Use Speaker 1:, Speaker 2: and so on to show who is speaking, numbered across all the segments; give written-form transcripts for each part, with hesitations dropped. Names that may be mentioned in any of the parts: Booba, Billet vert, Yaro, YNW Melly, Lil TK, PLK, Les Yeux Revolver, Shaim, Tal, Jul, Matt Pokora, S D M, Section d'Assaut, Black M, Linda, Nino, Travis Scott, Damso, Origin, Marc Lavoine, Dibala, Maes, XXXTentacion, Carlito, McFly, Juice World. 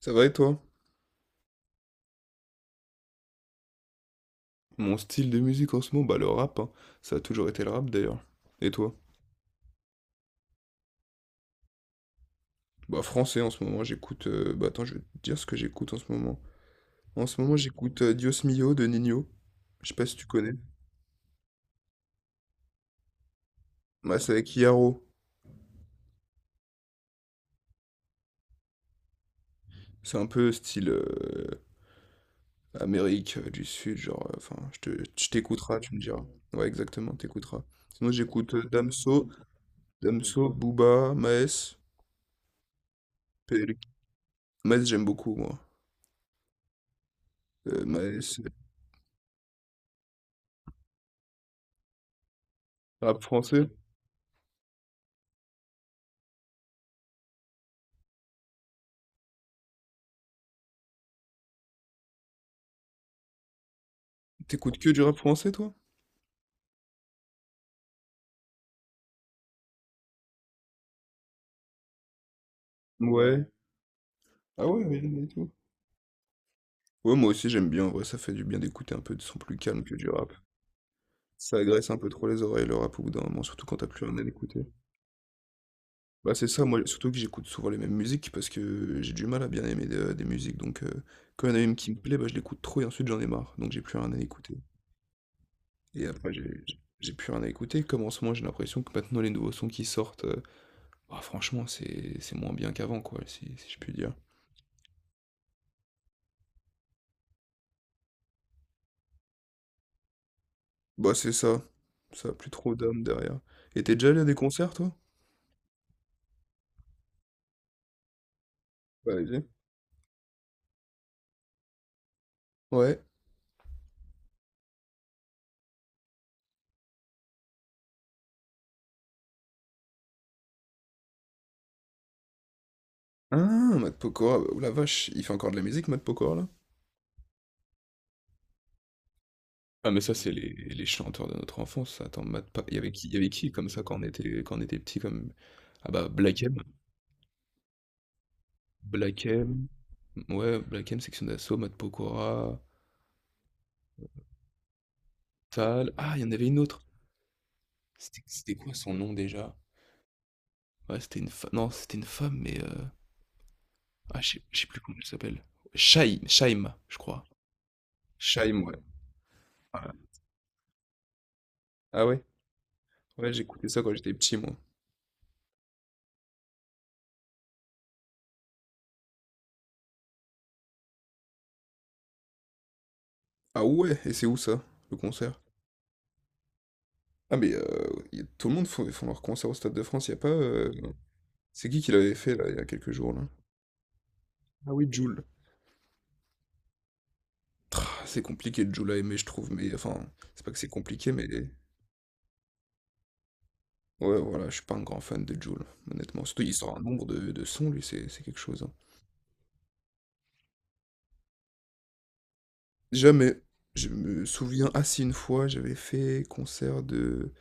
Speaker 1: Ça va et toi? Mon style de musique en ce moment, bah le rap, hein. Ça a toujours été le rap d'ailleurs. Et toi? Bah français en ce moment, bah attends, je vais te dire ce que j'écoute en ce moment. En ce moment, j'écoute Dios Mio de Nino. Je sais pas si tu connais. Bah c'est avec Yaro. C'est un peu style Amérique du Sud, genre... enfin, je t'écouteras, tu me diras. Ouais, exactement, t'écouteras. Sinon, j'écoute Damso, Booba, Maes, PLK. Maes, j'aime beaucoup, moi. Maes, rap français. T'écoutes que du rap français, toi? Ouais. Ah ouais, Origin et tout. Ouais, moi aussi j'aime bien, en vrai, ça fait du bien d'écouter un peu de son plus calme que du rap. Ça agresse un peu trop les oreilles, le rap, au bout d'un moment, surtout quand t'as plus rien à écouter. Bah c'est ça, moi, surtout que j'écoute souvent les mêmes musiques, parce que j'ai du mal à bien aimer des musiques, donc quand il y en a une qui me plaît, bah je l'écoute trop et ensuite j'en ai marre, donc j'ai plus rien à écouter. Et après j'ai plus rien à écouter, comme en ce moment j'ai l'impression que maintenant les nouveaux sons qui sortent, bah franchement c'est moins bien qu'avant, quoi, si je puis dire. Bah c'est ça, ça a plus trop d'âme derrière. Et t'es déjà allé à des concerts, toi? Bah, vas-y. Ouais. Ah, Matt Pokora, bah, oh la vache, il fait encore de la musique, Matt Pokora, là? Ah, mais ça, c'est les chanteurs de notre enfance. Attends. Il y avait qui comme ça quand on était petit comme... Ah bah, Black M. Black M. Ouais, Black M, Section d'Assaut, Matt Pokora, Tal. Ah, il y en avait une autre. C'était quoi son nom déjà? Ouais, c'était une femme. Non, c'était une femme, mais... ah, je sais plus comment elle s'appelle. Shaim, Shaima je crois. Shaim, ouais. Voilà. Ah ouais? Ouais, j'écoutais ça quand j'étais petit, moi. Ah ouais? Et c'est où ça, le concert? Ah mais, y tout le monde font leur concert au Stade de France, y a pas, c'est qui l'avait fait là, il y a quelques jours là? Ah oui, Jul. Ah c'est compliqué de Jul à aimer je trouve, mais enfin, c'est pas que c'est compliqué mais ouais voilà, je suis pas un grand fan de Jul, honnêtement. Surtout il sort un nombre de sons lui, c'est quelque chose, hein. Jamais, je me souviens ah si, une fois j'avais fait concert de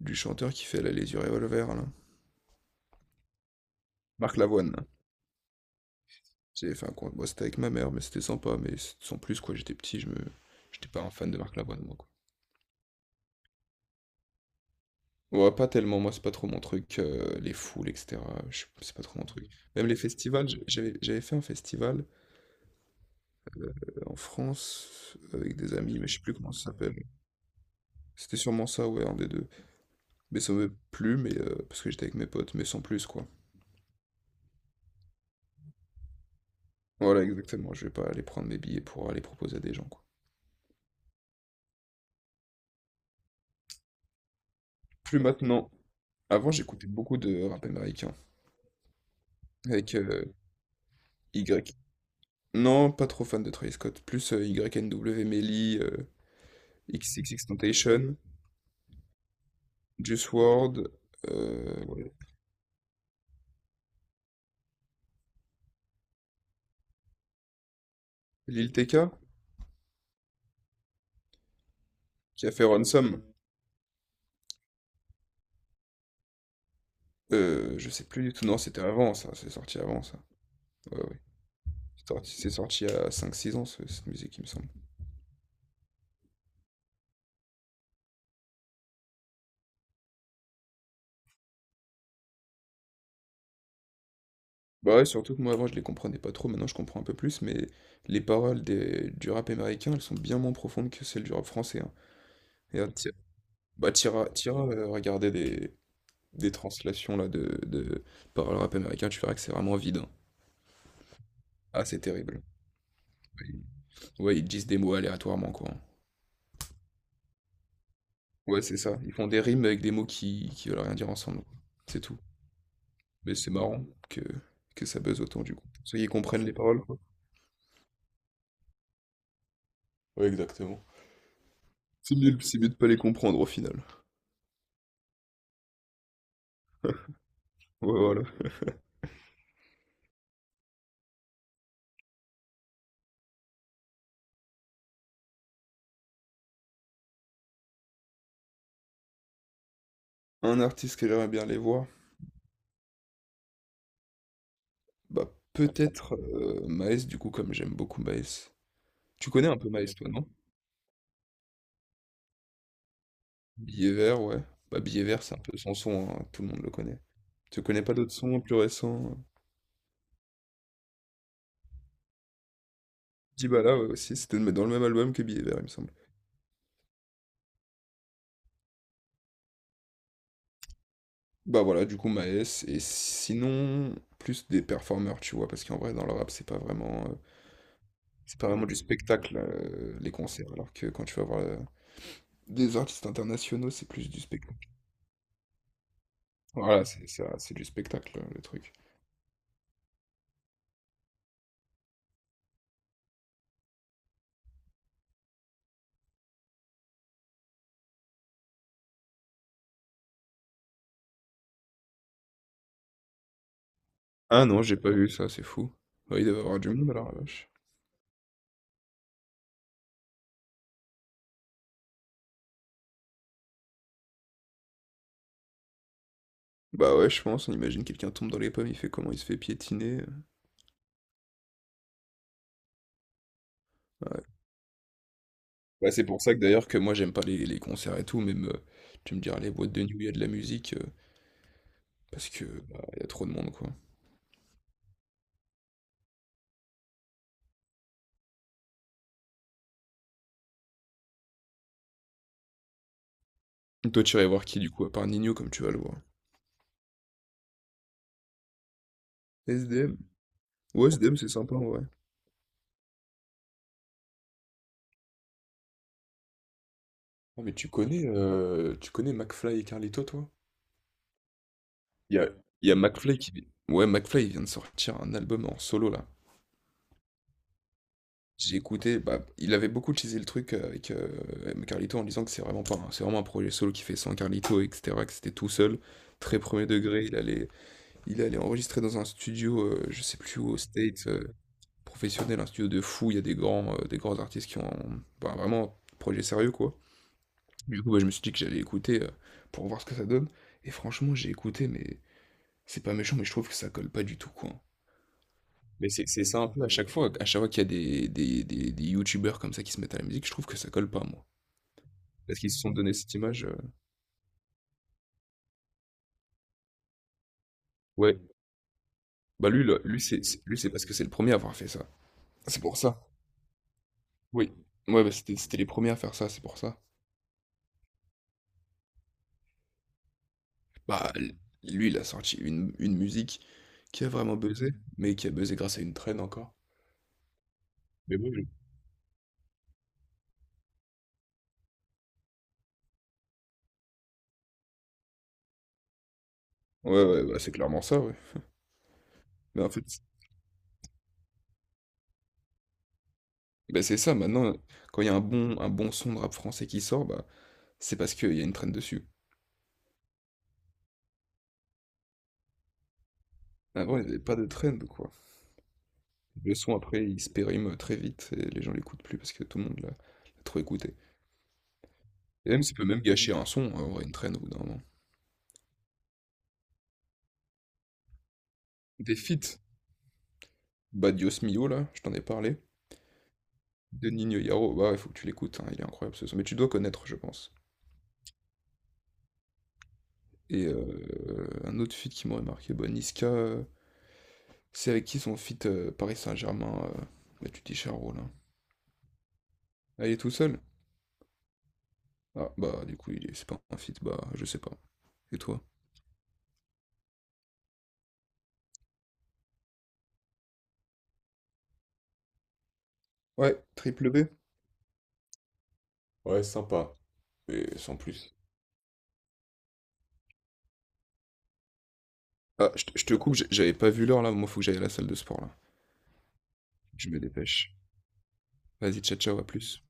Speaker 1: du chanteur qui fait là Les Yeux Revolver là, Marc Lavoine là. J'avais fait un concert bon c'était avec ma mère mais c'était sympa mais s sans plus quoi, j'étais petit, je me j'étais pas un fan de Marc Lavoine moi, quoi. Ouais, pas tellement, moi c'est pas trop mon truc, les foules et cetera, je c'est pas trop mon truc. Même les festivals, j'avais fait un festival, heu, en France avec des amis, mais je sais plus comment ça s'appelle. C'était sûrement ça, ouais, un des deux. Mais ça m'avait plu, mais parce que j'étais avec mes potes, mais sans plus, quoi. Voilà, exactement, je vais pas aller prendre mes billets pour aller proposer à des gens, quoi. Plus maintenant. Avant, j'écoutais beaucoup de rap américain avec, Y. Non, pas trop fan de Travis Scott, plus, YNW, Melly, XXXTentacion. Juice World, euh, Lil TK, qui a fait Ransom. Je sais plus du tout. Non, c'était avant ça. C'est sorti avant ça. Ouais, ouais. C'est sorti il y a 5-6 ans, cette musique, il me semble. Bah ouais, surtout que moi avant, je les comprenais pas trop. Maintenant, je comprends un peu plus. Mais les paroles du rap américain, elles sont bien moins profondes que celles du rap français, hein. Et, bah, tira regarder des translations là, de paroles rap américain, tu verras que c'est vraiment vide, hein. Ah, c'est terrible. Ouais, ils disent des mots aléatoirement, quoi, hein. Ouais, c'est ça. Ils font des rimes avec des mots qui veulent rien dire ensemble, quoi. C'est tout. Mais c'est marrant que, que ça buzz autant du coup. Ceux qui comprennent les paroles, quoi. Ouais, exactement. C'est mieux de pas les comprendre au final. Ouais, voilà. Un artiste que j'aimerais bien les voir, bah peut-être Maes, du coup, comme j'aime beaucoup Maes. Tu connais un peu Maes, toi, non? Billet vert, ouais. Bah Billet vert, c'est un peu son, hein, tout le monde le connaît. Tu connais pas d'autres sons plus récents? Dibala, ouais, aussi, c'était dans le même album que Billet vert, il me semble. Bah voilà, du coup, Maes, et sinon, plus des performeurs, tu vois, parce qu'en vrai, dans le rap, c'est pas vraiment du spectacle, les concerts, alors que quand tu vas voir des artistes internationaux, c'est plus du spectacle. Voilà, c'est ça, c'est du spectacle, le truc. Ah non, j'ai pas vu ça, c'est fou. Bah, il doit y avoir du monde, alors, la vache. Bah ouais, je pense, on imagine quelqu'un tombe dans les pommes, il fait comment, il se fait piétiner, ouais. Bah, c'est pour ça que d'ailleurs, que moi, j'aime pas les concerts et tout, même, tu me diras, les boîtes de nuit, il y a de la musique, parce que, bah, il y a trop de monde, quoi. Toi, tu irais voir qui, du coup, à part Nino, comme tu vas le voir? S D M. Ouais, S D M c'est sympa, ouais. Ah, mais tu connais McFly et Carlito, toi? Il y a, il y a McFly ouais, McFly il vient de sortir un album en solo, là. J'ai écouté, bah, il avait beaucoup teasé le truc avec Carlito en disant que c'est vraiment pas, un- c'est vraiment un projet solo qui fait sans Carlito, etc., que c'était tout seul, très premier degré, il allait enregistrer dans un studio, je sais plus où, aux States, professionnel, un studio de fou, il y a des grands artistes qui ont, bah, vraiment, projet sérieux, quoi. Du coup, bah, je me suis dit que j'allais écouter pour voir ce que ça donne. Et franchement, j'ai écouté, mais c'est pas méchant, mais je trouve que ça colle pas du tout, quoi. Mais c'est ça un peu à chaque fois qu'il y a des youtubeurs comme ça qui se mettent à la musique, je trouve que ça colle pas, moi. Parce qu'ils se sont donné cette image. Ouais. Bah lui, là, lui, lui, c'est parce que c'est le premier à avoir fait ça. C'est pour ça. Oui. Ouais, bah c'était les premiers à faire ça, c'est pour ça. Bah lui, il a sorti une musique qui a vraiment buzzé, mais qui a buzzé grâce à une traîne encore. Mais bon. Ouais, ouais, bah, c'est clairement ça, ouais. Mais en fait, ben c'est ça, maintenant, quand il y a un bon son de rap français qui sort, bah, c'est parce qu'il y a une trend dessus. Avant, il n'y avait pas de trend, quoi. Le son, après, il se périme très vite et les gens l'écoutent plus parce que tout le monde l'a trop écouté. Et même, ça peut même gâcher un son, hein, en vrai, une trend au bout d'un moment. Des feats, bah Mio, là, je t'en ai parlé. De Nino Yaro, bah, il faut que tu l'écoutes, hein, il est incroyable ce son. Mais tu dois connaître, je pense. Et un autre feat qui m'aurait marqué, bah, Niska, c'est avec qui son feat Paris Saint-Germain, bah, tu dis Charo, là. Ah, il est tout seul? Ah, bah, du coup, il est... c'est pas un fit, bah, je sais pas. Et toi? Ouais, triple B. Ouais, sympa, mais sans plus. Ah, je te coupe, j'avais pas vu l'heure là, moi faut que j'aille à la salle de sport là. Je me dépêche. Vas-y, ciao, ciao, à plus.